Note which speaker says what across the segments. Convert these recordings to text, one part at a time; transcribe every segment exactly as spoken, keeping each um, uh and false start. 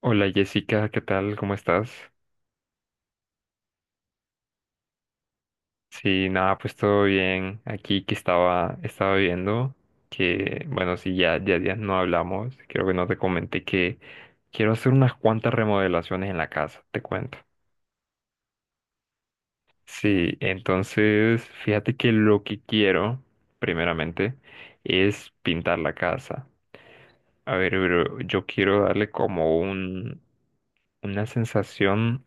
Speaker 1: Hola Jessica, ¿qué tal? ¿Cómo estás? Sí, nada, pues todo bien. Aquí que estaba, estaba viendo que, bueno, sí, ya, ya, ya no hablamos. Creo que no te comenté que quiero hacer unas cuantas remodelaciones en la casa, te cuento. Sí, entonces, fíjate que lo que quiero, primeramente, es pintar la casa. A ver, pero yo quiero darle como un, una sensación,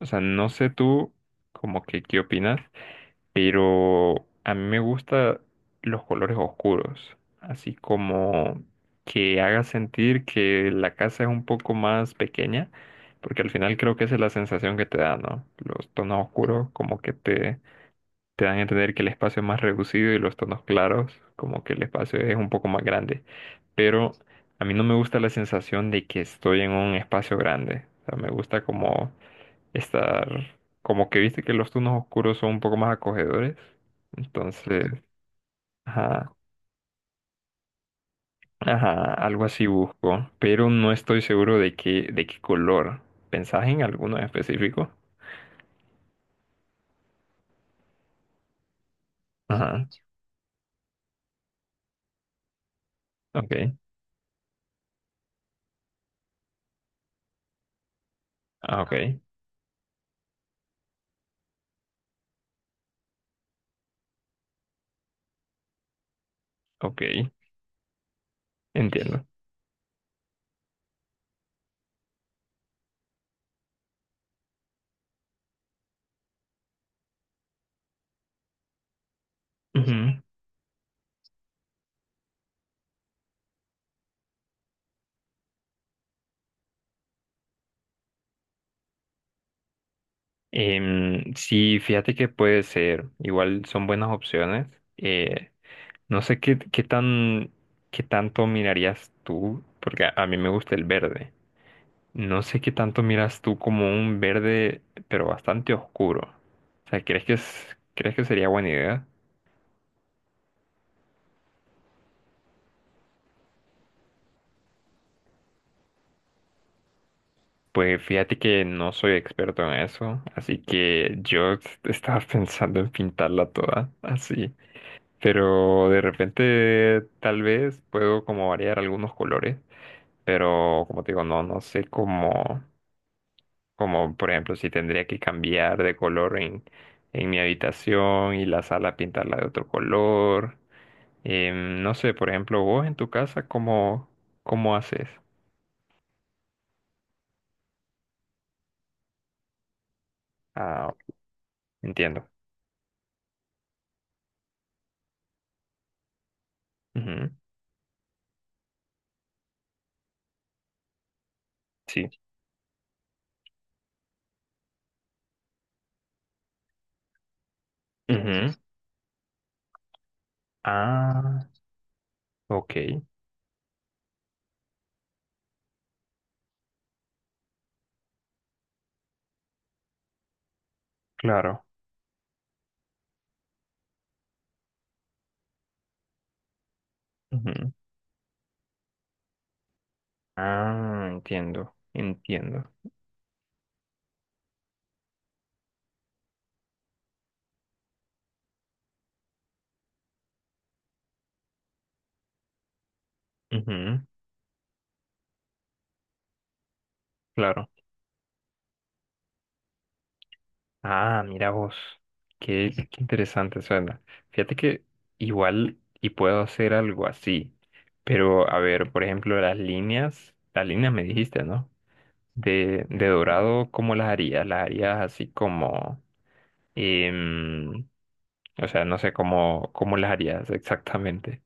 Speaker 1: o sea, no sé tú, como que, ¿qué opinas? Pero a mí me gustan los colores oscuros, así como que haga sentir que la casa es un poco más pequeña, porque al final creo que esa es la sensación que te da, ¿no? Los tonos oscuros como que te, te dan a entender que el espacio es más reducido y los tonos claros como que el espacio es un poco más grande, pero a mí no me gusta la sensación de que estoy en un espacio grande, o sea, me gusta como estar como que viste que los tonos oscuros son un poco más acogedores. Entonces, ajá, ajá, algo así busco, pero no estoy seguro de qué, de qué color. ¿Pensás en alguno en específico? Ajá, ok, ah, ok, ok, entiendo. Ujú. Em, sí, fíjate que puede ser, igual son buenas opciones. Eh, no sé qué, qué tan, qué tanto mirarías tú, porque a a mí me gusta el verde. No sé qué tanto miras tú como un verde, pero bastante oscuro. O sea, ¿crees que es- ¿crees que sería buena idea? Pues fíjate que no soy experto en eso, así que yo est- estaba pensando en pintarla toda así. Pero de repente tal vez puedo como variar algunos colores, pero como te digo, no, no sé cómo, como por ejemplo si tendría que cambiar de color en, en mi habitación y la sala pintarla de otro color. Eh, no sé, por ejemplo, vos en tu casa, ¿cómo, ¿cómo haces? Ah, entiendo. Ujú, Sí. Ujú. Ah, ok, claro. Ujú. Ah, entiendo, entiendo. Ujú, Claro. Ah, mira vos. Qué, qué interesante suena. Fíjate que igual y puedo hacer algo así. Pero, a ver, por ejemplo, las líneas, las líneas me dijiste, ¿no? De, de dorado, ¿cómo las harías? ¿Las harías así como... Y, mm, o sea, no sé cómo, cómo las harías exactamente.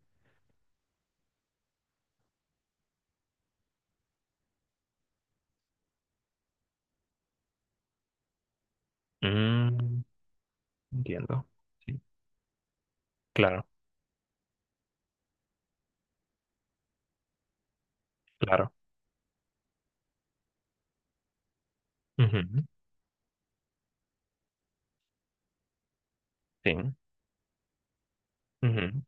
Speaker 1: Mm, entiendo. Sí, claro, claro. Ujú, Sí, ujú,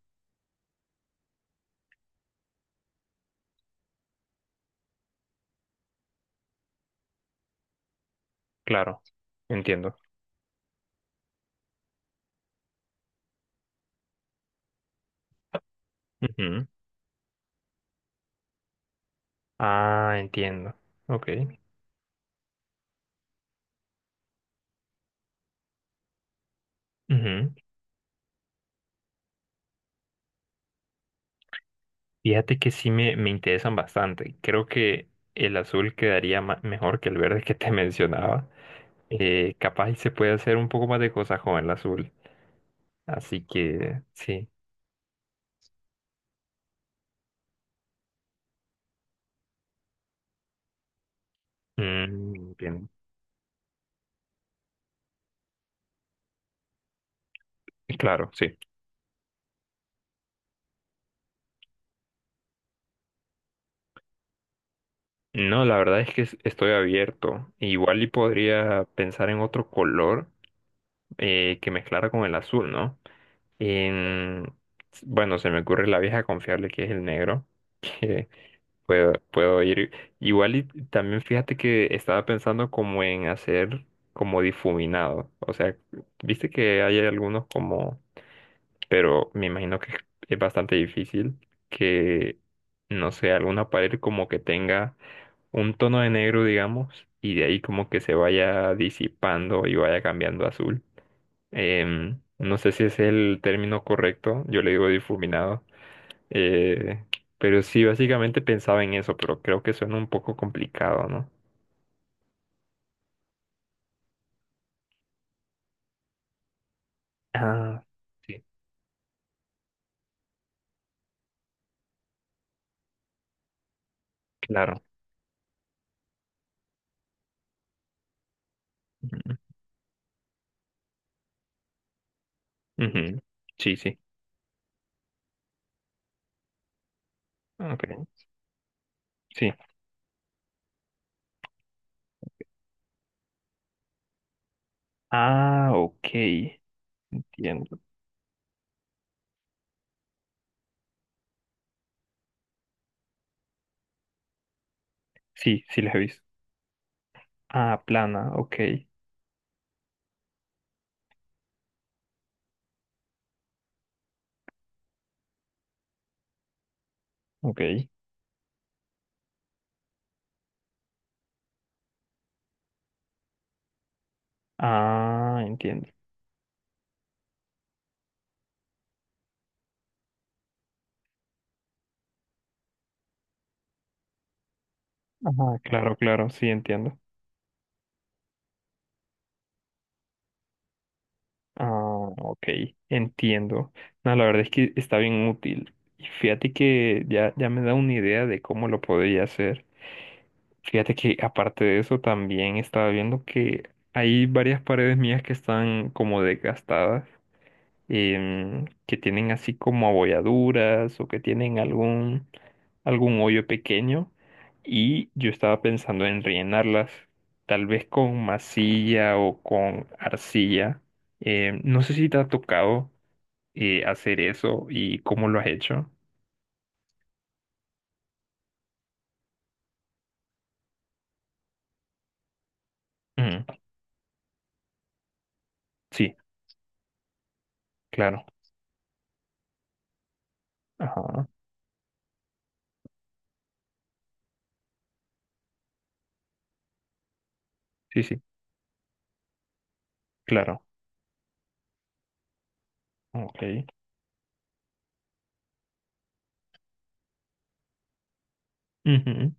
Speaker 1: claro. Entiendo. Ujú. Ah, entiendo. Ok. Ujú. Fíjate que sí me, me interesan bastante. Creo que el azul quedaría ma- mejor que el verde que te mencionaba. Eh, capaz y se puede hacer un poco más de cosas con el azul. Así que sí. Mm, entiendo. Claro, sí. No, la verdad es que es- estoy abierto. Igual y podría pensar en otro color eh, que mezclara con el azul, ¿no? En- Bueno, se me ocurre la vieja confiable que es el negro, que puedo, puedo ir. Igual y también fíjate que estaba pensando como en hacer como difuminado. O sea, viste que hay algunos como, pero me imagino que es es bastante difícil que, no sé, alguna pared como que tenga un tono de negro, digamos, y de ahí como que se vaya disipando y vaya cambiando a azul. Em, no sé si es el término correcto, yo le digo difuminado, eh, pero sí, básicamente pensaba en eso, pero creo que suena un poco complicado, ¿no? Ah, sí, claro. Ujú, ujú. Sí, sí. Ok, sí. Ah, ok. Entiendo. Sí, sí las he visto. Ah, plana, ok, ok. Ah, entiendo. Ajá, claro, claro, sí entiendo. Ah, ok, entiendo. No, la verdad es que está bien útil. Y fíjate que ya, ya me da una idea de cómo lo podría hacer. Fíjate que aparte de eso también estaba viendo que hay varias paredes mías que están como desgastadas em, que tienen así como abolladuras o que tienen algún, algún hoyo pequeño y yo estaba pensando en rellenarlas tal vez con masilla o con arcilla. Em, no sé si te ha tocado eh, hacer eso y cómo lo has hecho. Mm, sí, claro. Ajá. Sí, sí, claro. Ok. Ujú.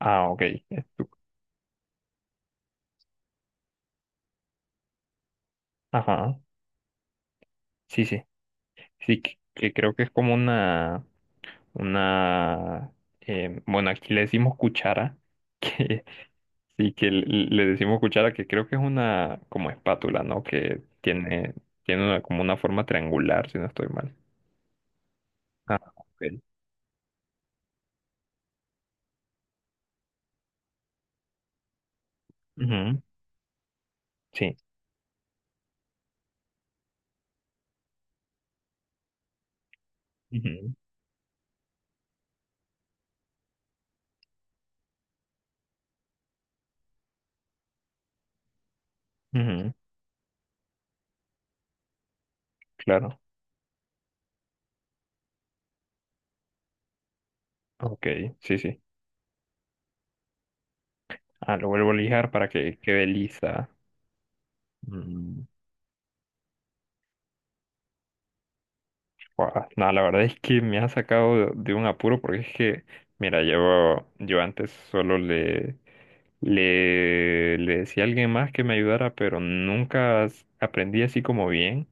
Speaker 1: Ah, ok. Estu- Ajá. Sí, sí. Sí, que que creo que es como una... una, eh, bueno, aquí le decimos cuchara, que sí que le le decimos cuchara, que creo que es una como espátula, ¿no? Que tiene, tiene una- como una forma triangular, si no estoy mal. Ah, ok. Ujú, Sí. Ujú, ujú, claro. Ok, sí, sí. Ah, lo vuelvo a lijar para que quede lisa. Mm, guau, no, la verdad es que me ha sacado de de un apuro porque es que, mira, yo, yo antes solo le, le le decía a alguien más que me ayudara, pero nunca as- aprendí así como bien.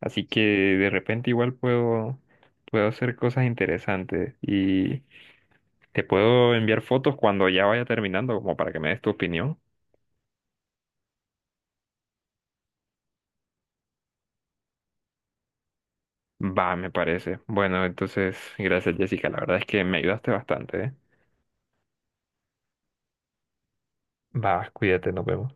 Speaker 1: Así que de repente igual puedo, puedo hacer cosas interesantes y te puedo enviar fotos cuando ya vaya terminando, como para que me des tu opinión. Va, me parece. Bueno, entonces, gracias Jessica, la verdad es que me ayudaste bastante, ¿eh? Va, cuídate, nos vemos.